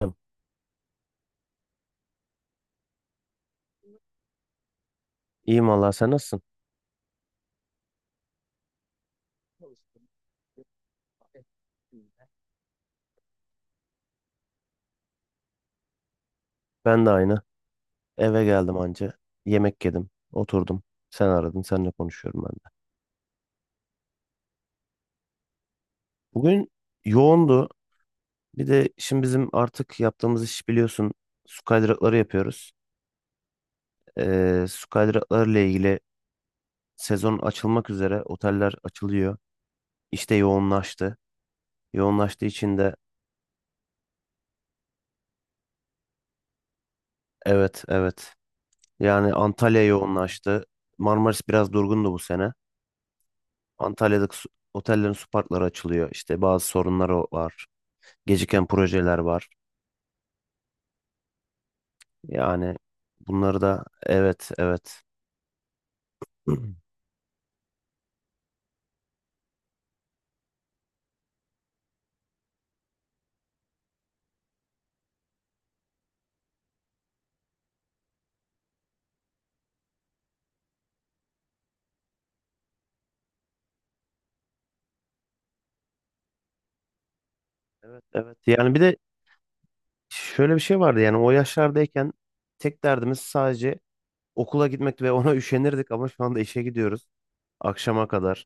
Hocam, İyiyim valla sen nasılsın? Ben de aynı. Eve geldim anca. Yemek yedim. Oturdum. Sen aradın. Seninle konuşuyorum ben de. Bugün yoğundu. Bir de şimdi bizim artık yaptığımız iş biliyorsun. Su kaydırakları yapıyoruz. Su kaydıraklarıyla ilgili sezon açılmak üzere. Oteller açılıyor. İşte yoğunlaştı. Yoğunlaştığı için de evet, evet. Yani Antalya yoğunlaştı. Marmaris biraz durgundu bu sene. Antalya'daki su- Otellerin su parkları açılıyor. İşte bazı sorunları var. Geciken projeler var. Yani bunları da evet, evet. Evet, evet. Yani bir de şöyle bir şey vardı yani o yaşlardayken tek derdimiz sadece okula gitmek ve ona üşenirdik ama şu anda işe gidiyoruz akşama kadar.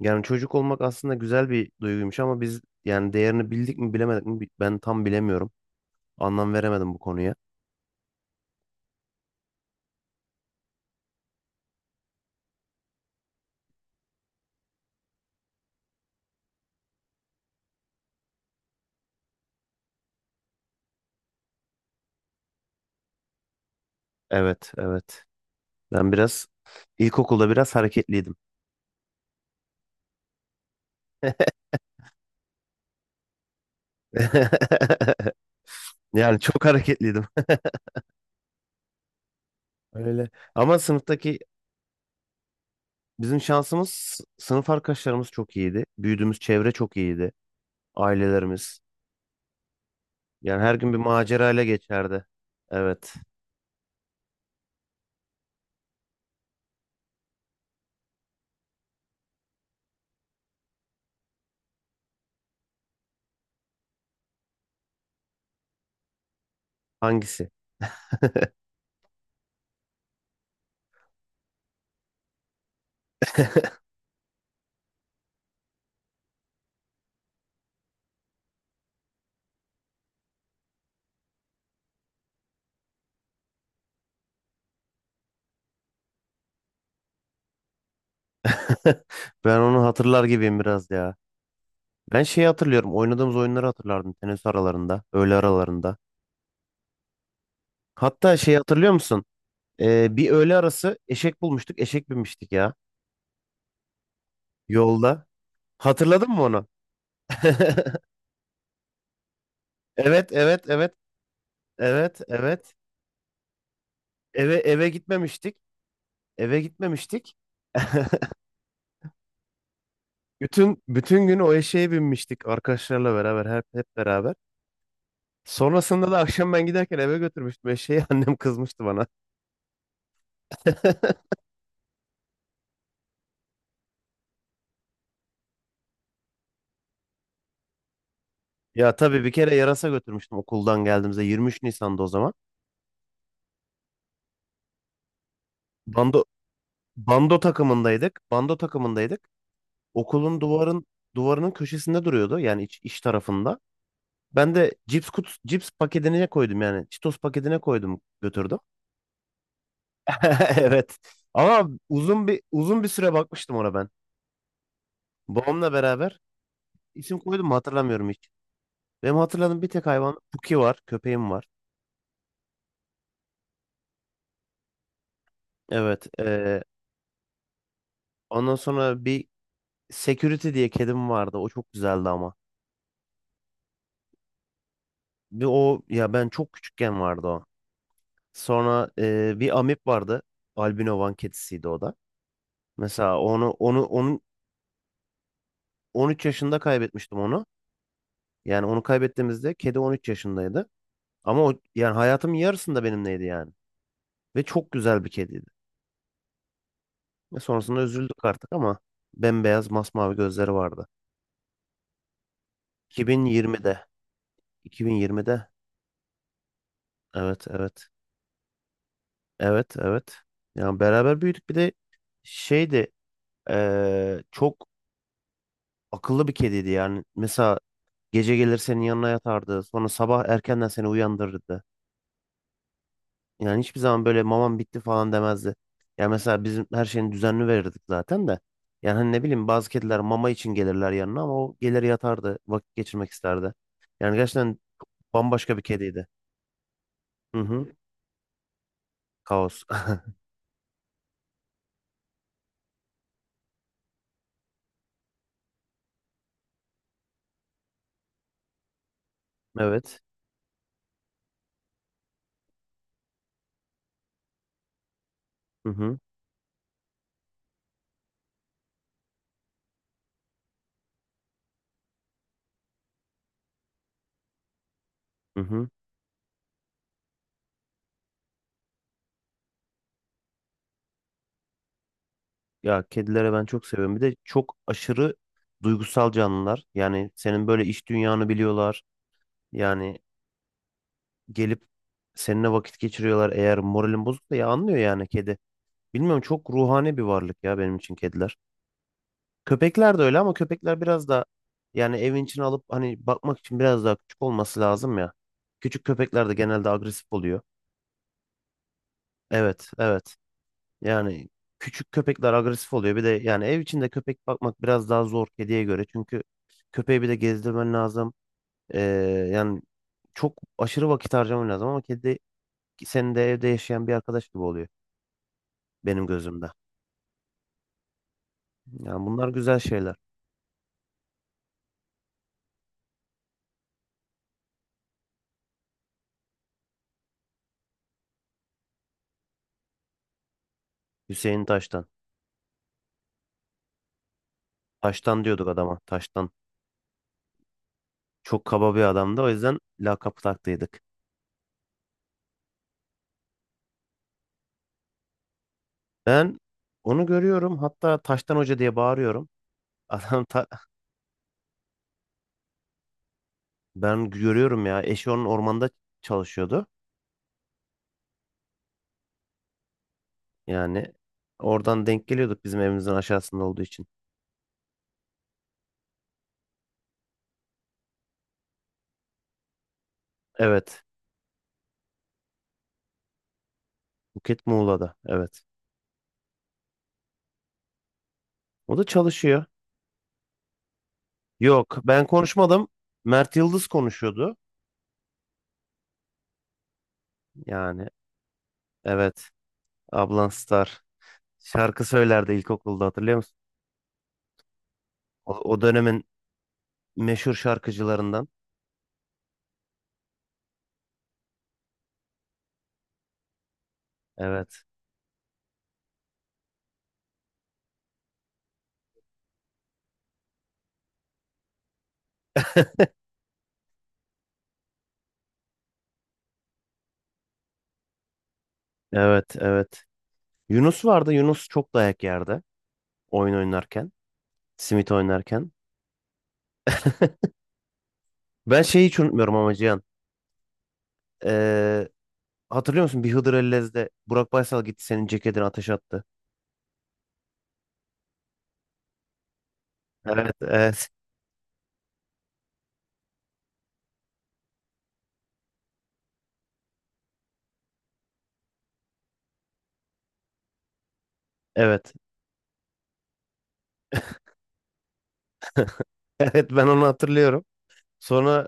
Yani çocuk olmak aslında güzel bir duyguymuş ama biz yani değerini bildik mi bilemedik mi ben tam bilemiyorum. Anlam veremedim bu konuya. Evet, evet. Ben biraz ilkokulda biraz hareketliydim. Yani çok hareketliydim. Öyle. Ama sınıftaki bizim şansımız sınıf arkadaşlarımız çok iyiydi. Büyüdüğümüz çevre çok iyiydi. Ailelerimiz. Yani her gün bir macera ile geçerdi. Evet. Hangisi? Ben onu hatırlar gibiyim biraz ya. Ben şeyi hatırlıyorum. Oynadığımız oyunları hatırlardım. Teneffüs aralarında, öğle aralarında. Hatta şey hatırlıyor musun? Bir öğle arası eşek bulmuştuk. Eşek binmiştik ya yolda. Hatırladın mı onu? Evet, evet, evet. Evet, evet. Eve gitmemiştik. Eve gitmemiştik. Bütün günü o eşeğe binmiştik arkadaşlarla beraber hep beraber. Sonrasında da akşam ben giderken eve götürmüştüm eşeği. Annem kızmıştı bana. Ya tabii bir kere yarasa götürmüştüm okuldan geldiğimizde 23 Nisan'da o zaman. Bando Bando takımındaydık. Bando takımındaydık. Okulun duvarın Duvarının köşesinde duruyordu yani iç tarafında. Ben de cips paketine koydum yani Cheetos paketine koydum götürdüm. Evet. Ama uzun bir süre bakmıştım ona. Babamla beraber isim koydum mu hatırlamıyorum hiç. Benim hatırladığım bir tek hayvan Puki var. Köpeğim var. Evet. Ondan sonra bir Security diye kedim vardı. O çok güzeldi ama. Bir o ya ben çok küçükken vardı o. Sonra bir amip vardı. Albino Van kedisiydi o da. Mesela onu onu onun 13 yaşında kaybetmiştim onu. Yani onu kaybettiğimizde kedi 13 yaşındaydı. Ama o yani hayatımın yarısında benimleydi yani. Ve çok güzel bir kediydi. Ve sonrasında üzüldük artık ama bembeyaz masmavi gözleri vardı. 2020'de, 2020'de, evet, evet. Evet, evet. Yani beraber büyüdük. Bir de şeydi çok akıllı bir kediydi yani. Mesela gece gelir senin yanına yatardı. Sonra sabah erkenden seni uyandırırdı. Yani hiçbir zaman böyle mamam bitti falan demezdi. Yani mesela bizim her şeyini düzenli verirdik zaten de. Yani hani ne bileyim bazı kediler mama için gelirler yanına ama o gelir yatardı. Vakit geçirmek isterdi. Yani gerçekten bambaşka bir kediydi. Hı hı. Kaos. Evet. Hı hı. Hı hı. Ya kedilere ben çok seviyorum. Bir de çok aşırı duygusal canlılar. Yani senin böyle iş dünyanı biliyorlar. Yani gelip seninle vakit geçiriyorlar. Eğer moralin bozuksa ya anlıyor yani kedi. Bilmiyorum çok ruhani bir varlık ya benim için kediler. Köpekler de öyle ama köpekler biraz da yani evin içine alıp hani bakmak için biraz daha küçük olması lazım ya. Küçük köpekler de genelde agresif oluyor. Evet, evet. Yani küçük köpekler agresif oluyor. Bir de yani ev içinde köpek bakmak biraz daha zor kediye göre. Çünkü köpeği bir de gezdirmen lazım. Ee, Yani çok aşırı vakit harcaman lazım ama kedi senin de evde yaşayan bir arkadaş gibi oluyor benim gözümde. Yani bunlar güzel şeyler. Hüseyin Taştan. Taştan diyorduk adama. Taştan. Çok kaba bir adamdı. O yüzden lakap taktıydık. Ben onu görüyorum. Hatta Taştan Hoca diye bağırıyorum. Adam ta- Ben görüyorum ya. Eşi onun ormanda çalışıyordu. Yani oradan denk geliyorduk bizim evimizin aşağısında olduğu için. Evet. Buket Muğla'da. Evet. O da çalışıyor. Yok, ben konuşmadım. Mert Yıldız konuşuyordu. Yani evet. Ablan Star. Şarkı söylerdi ilkokulda hatırlıyor musun? O, o dönemin meşhur şarkıcılarından. Evet. Evet, evet. Yunus vardı. Yunus çok dayak yerdi. Oyun oynarken. Simit oynarken. Ben şeyi hiç unutmuyorum ama Cihan. Ee, Hatırlıyor musun? Bir Hıdır Ellez'de Burak Baysal gitti senin ceketini ateş attı. Evet, evet, evet. Evet, ben onu hatırlıyorum. Sonra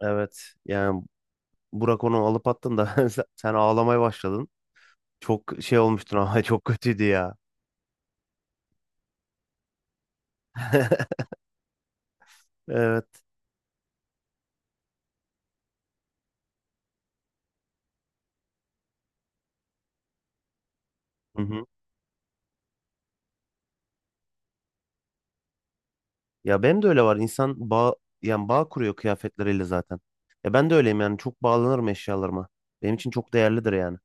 evet, yani Burak onu alıp attın da sen ağlamaya başladın. Çok şey olmuştun ama çok kötüydü ya. Evet. Hı hı. Ya benim de öyle var. Yani bağ kuruyor kıyafetleriyle zaten. Ya ben de öyleyim yani. Çok bağlanırım eşyalarıma. Benim için çok değerlidir yani.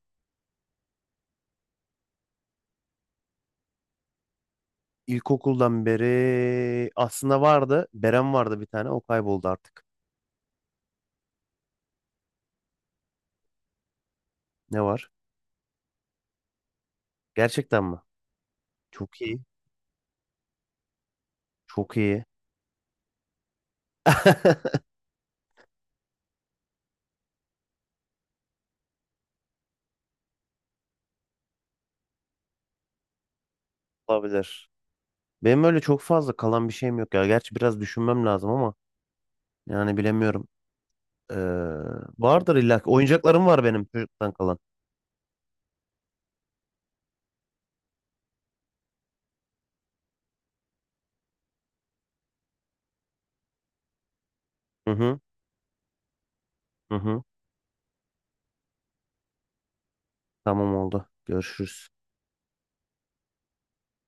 İlkokuldan beri aslında vardı. Berem vardı bir tane. O kayboldu artık. Ne var? Gerçekten mi? Çok iyi. Çok iyi. Olabilir. Benim öyle çok fazla kalan bir şeyim yok ya. Gerçi biraz düşünmem lazım ama yani bilemiyorum. Ee, Vardır illa ki. Oyuncaklarım var benim çocuktan kalan. Hı hı. Hı hı. Tamam oldu. Görüşürüz.